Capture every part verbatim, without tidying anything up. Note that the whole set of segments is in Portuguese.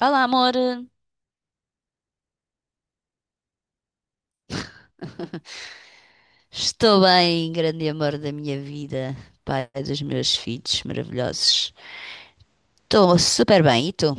Olá, amor. Estou bem, grande amor da minha vida, pai dos meus filhos maravilhosos. Estou super bem, e tu?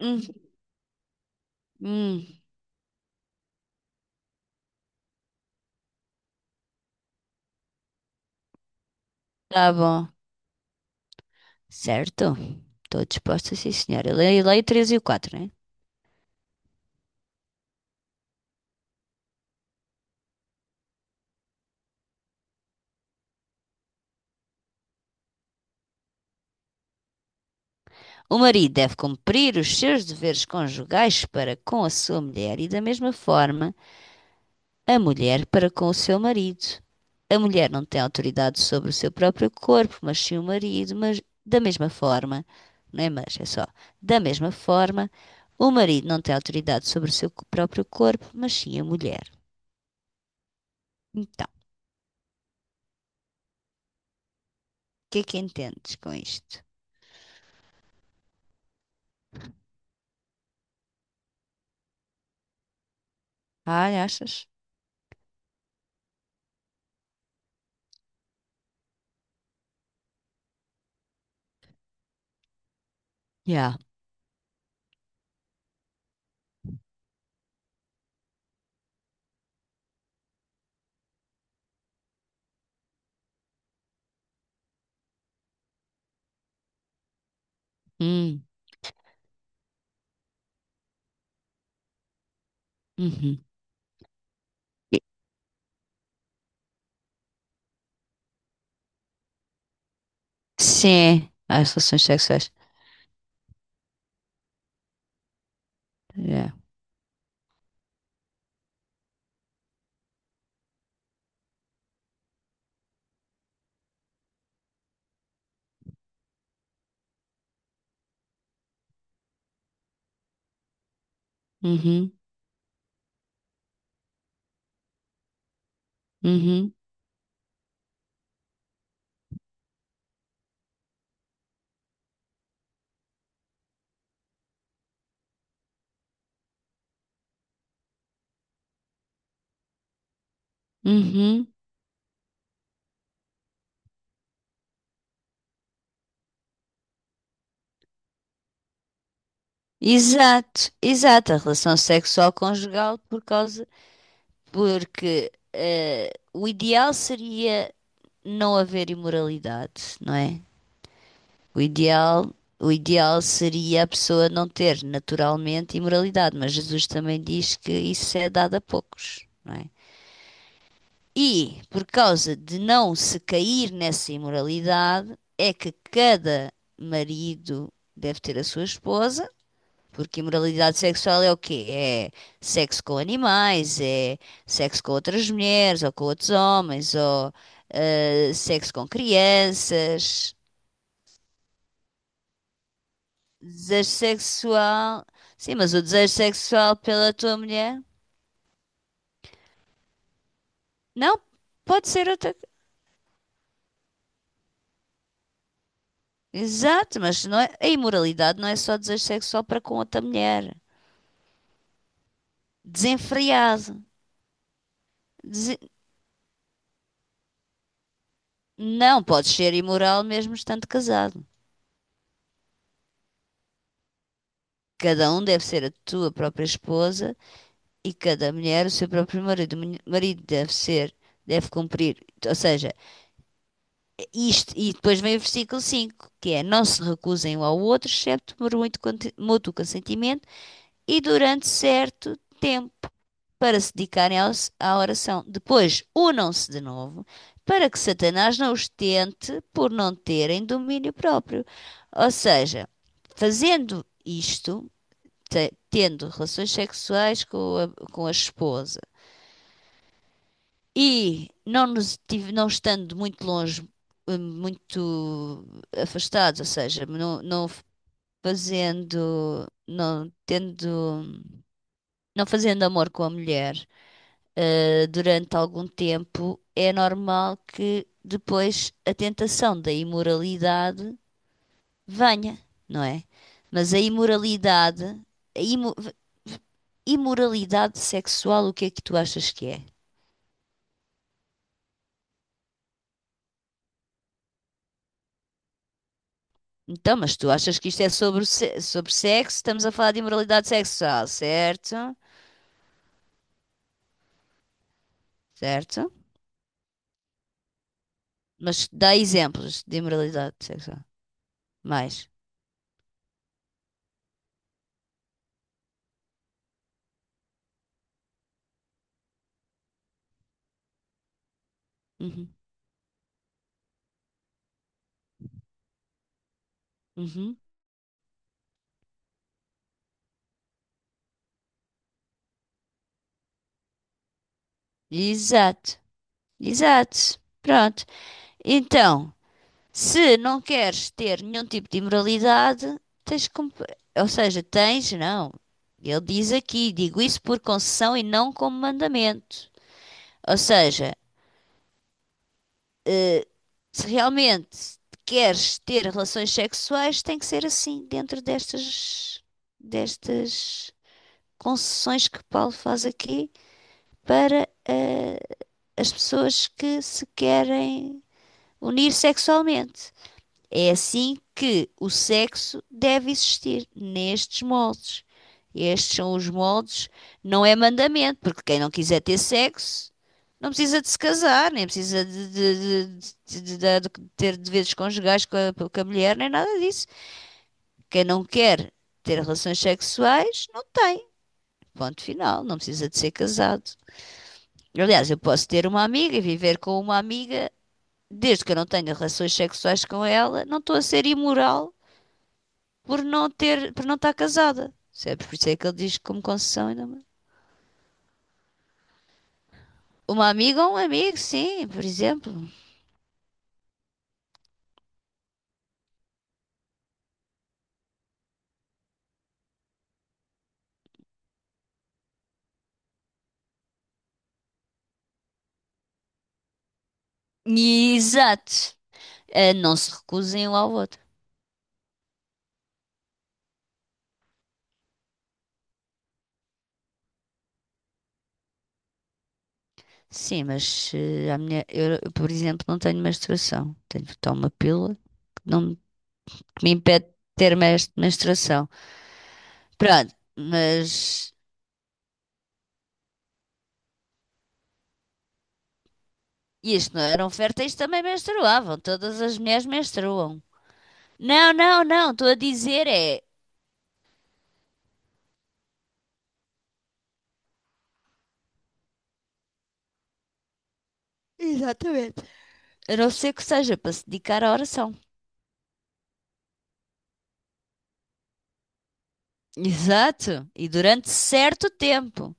Hum, hum, tá bom. Certo? Estou disposta, sim, senhora. Lei, lei três e o quatro, né? O marido deve cumprir os seus deveres conjugais para com a sua mulher e, da mesma forma, a mulher para com o seu marido. A mulher não tem autoridade sobre o seu próprio corpo, mas sim o marido, mas da mesma forma, não é mas, é só, da mesma forma, o marido não tem autoridade sobre o seu próprio corpo, mas sim a mulher. Então, o que é que entendes com isto? Ai, achas? Yeah. Hum, uhum. Sim, as relações sexuais. Yeah. Uhum, uhum, uhum. Exato, exato, a relação sexual conjugal por causa. Porque eh, o ideal seria não haver imoralidade, não é? O ideal, o ideal seria a pessoa não ter naturalmente imoralidade, mas Jesus também diz que isso é dado a poucos, não é? E por causa de não se cair nessa imoralidade, é que cada marido deve ter a sua esposa, porque imoralidade sexual é o quê? É sexo com animais, é sexo com outras mulheres ou com outros homens, ou eh, sexo com crianças, desejo sexual. Sim, mas o desejo sexual pela tua mulher? Não, pode ser outra. Exato, mas não é... a imoralidade não é só desejo sexual para com outra mulher. Desenfreado. Dese- Não podes ser imoral mesmo estando casado. Cada um deve ser a tua própria esposa e cada mulher o seu próprio marido. O marido deve ser, deve cumprir, ou seja, isto, e depois vem o versículo cinco que é: não se recusem um ao outro, excepto por muito mútuo consentimento e durante certo tempo, para se dedicarem ao- à oração. Depois, unam-se de novo, para que Satanás não os tente por não terem domínio próprio. Ou seja, fazendo isto. Tendo relações sexuais com a, com a esposa, e não, nos, tive- não estando muito longe, eh, muito afastados, ou seja, não, não fazendo, não tendo, não fazendo amor com a mulher, eh, durante algum tempo, é normal que depois a tentação da imoralidade venha, não é? Mas a imoralidade, a imo- imoralidade sexual, o que é que tu achas que é? Então, mas tu achas que isto é sobre, se- sobre sexo? Estamos a falar de imoralidade sexual, certo? Certo? Mas dá exemplos de imoralidade sexual. Mais. Uhum. Uhum. Exato. Exato. Pronto. Então, se não queres ter nenhum tipo de imoralidade, tens como. Ou seja, tens, não. Ele diz aqui, digo isso por concessão e não como mandamento. Ou seja, se realmente queres ter relações sexuais, tem que ser assim, dentro destas, destas concessões que Paulo faz aqui para eh, as pessoas que se querem unir sexualmente. É assim que o sexo deve existir, nestes moldes. Estes são os moldes, não é mandamento, porque quem não quiser ter sexo não precisa de se casar, nem precisa de, de- de- de- de dar- de ter deveres conjugais com a, com a mulher, nem nada disso. Quem não quer ter relações sexuais, não tem. Ponto final, não precisa de ser casado. Aliás, eu posso ter uma amiga e viver com uma amiga, desde que eu não tenha relações sexuais com ela, não estou a ser imoral por não ter, por não estar casada. Sempre por isso é que ele diz como concessão ainda mais. Uma amiga ou um amigo, sim, por exemplo. E exato. Eh, não se recusem um ao outro. Sim, mas eh, a minha, eu, eu, por exemplo, não tenho menstruação. Tenho que tomar uma pílula que, não, me- que me impede de ter mes- menstruação. Pronto, mas isto não eram férteis, também menstruavam. Todas as mulheres menstruam. Não, não, não, estou a dizer é. Exatamente, a não ser que seja para se dedicar à oração. Exato, e durante certo tempo.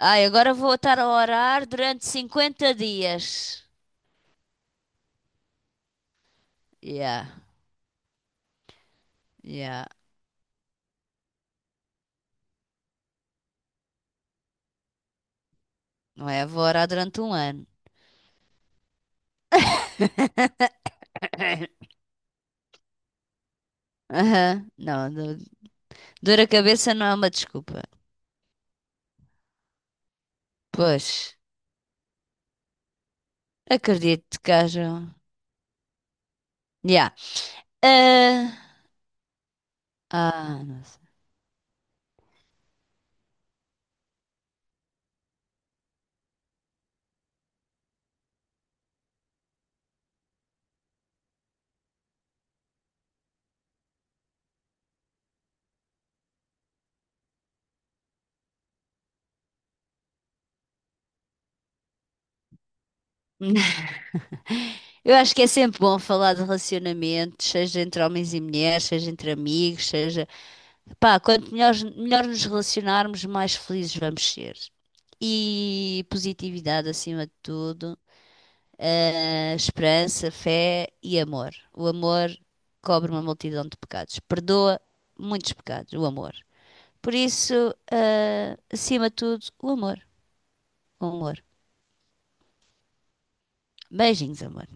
Ai, agora vou estar a orar durante cinquenta dias. Yeah, yeah. Não é? Vou orar durante um ano. Aham. Não, do- dor a cabeça não é uma desculpa. Pois, acredito que haja. Um. Yeah. Ah, ah, não sei. Eu acho que é sempre bom falar de relacionamentos, seja entre homens e mulheres, seja entre amigos, seja... Pá, quanto melhor, melhor nos relacionarmos, mais felizes vamos ser. E positividade acima de tudo, eh, esperança, fé e amor. O amor cobre uma multidão de pecados, perdoa muitos pecados, o amor. Por isso, eh, acima de tudo, o amor. O amor. Beijinhos, amor.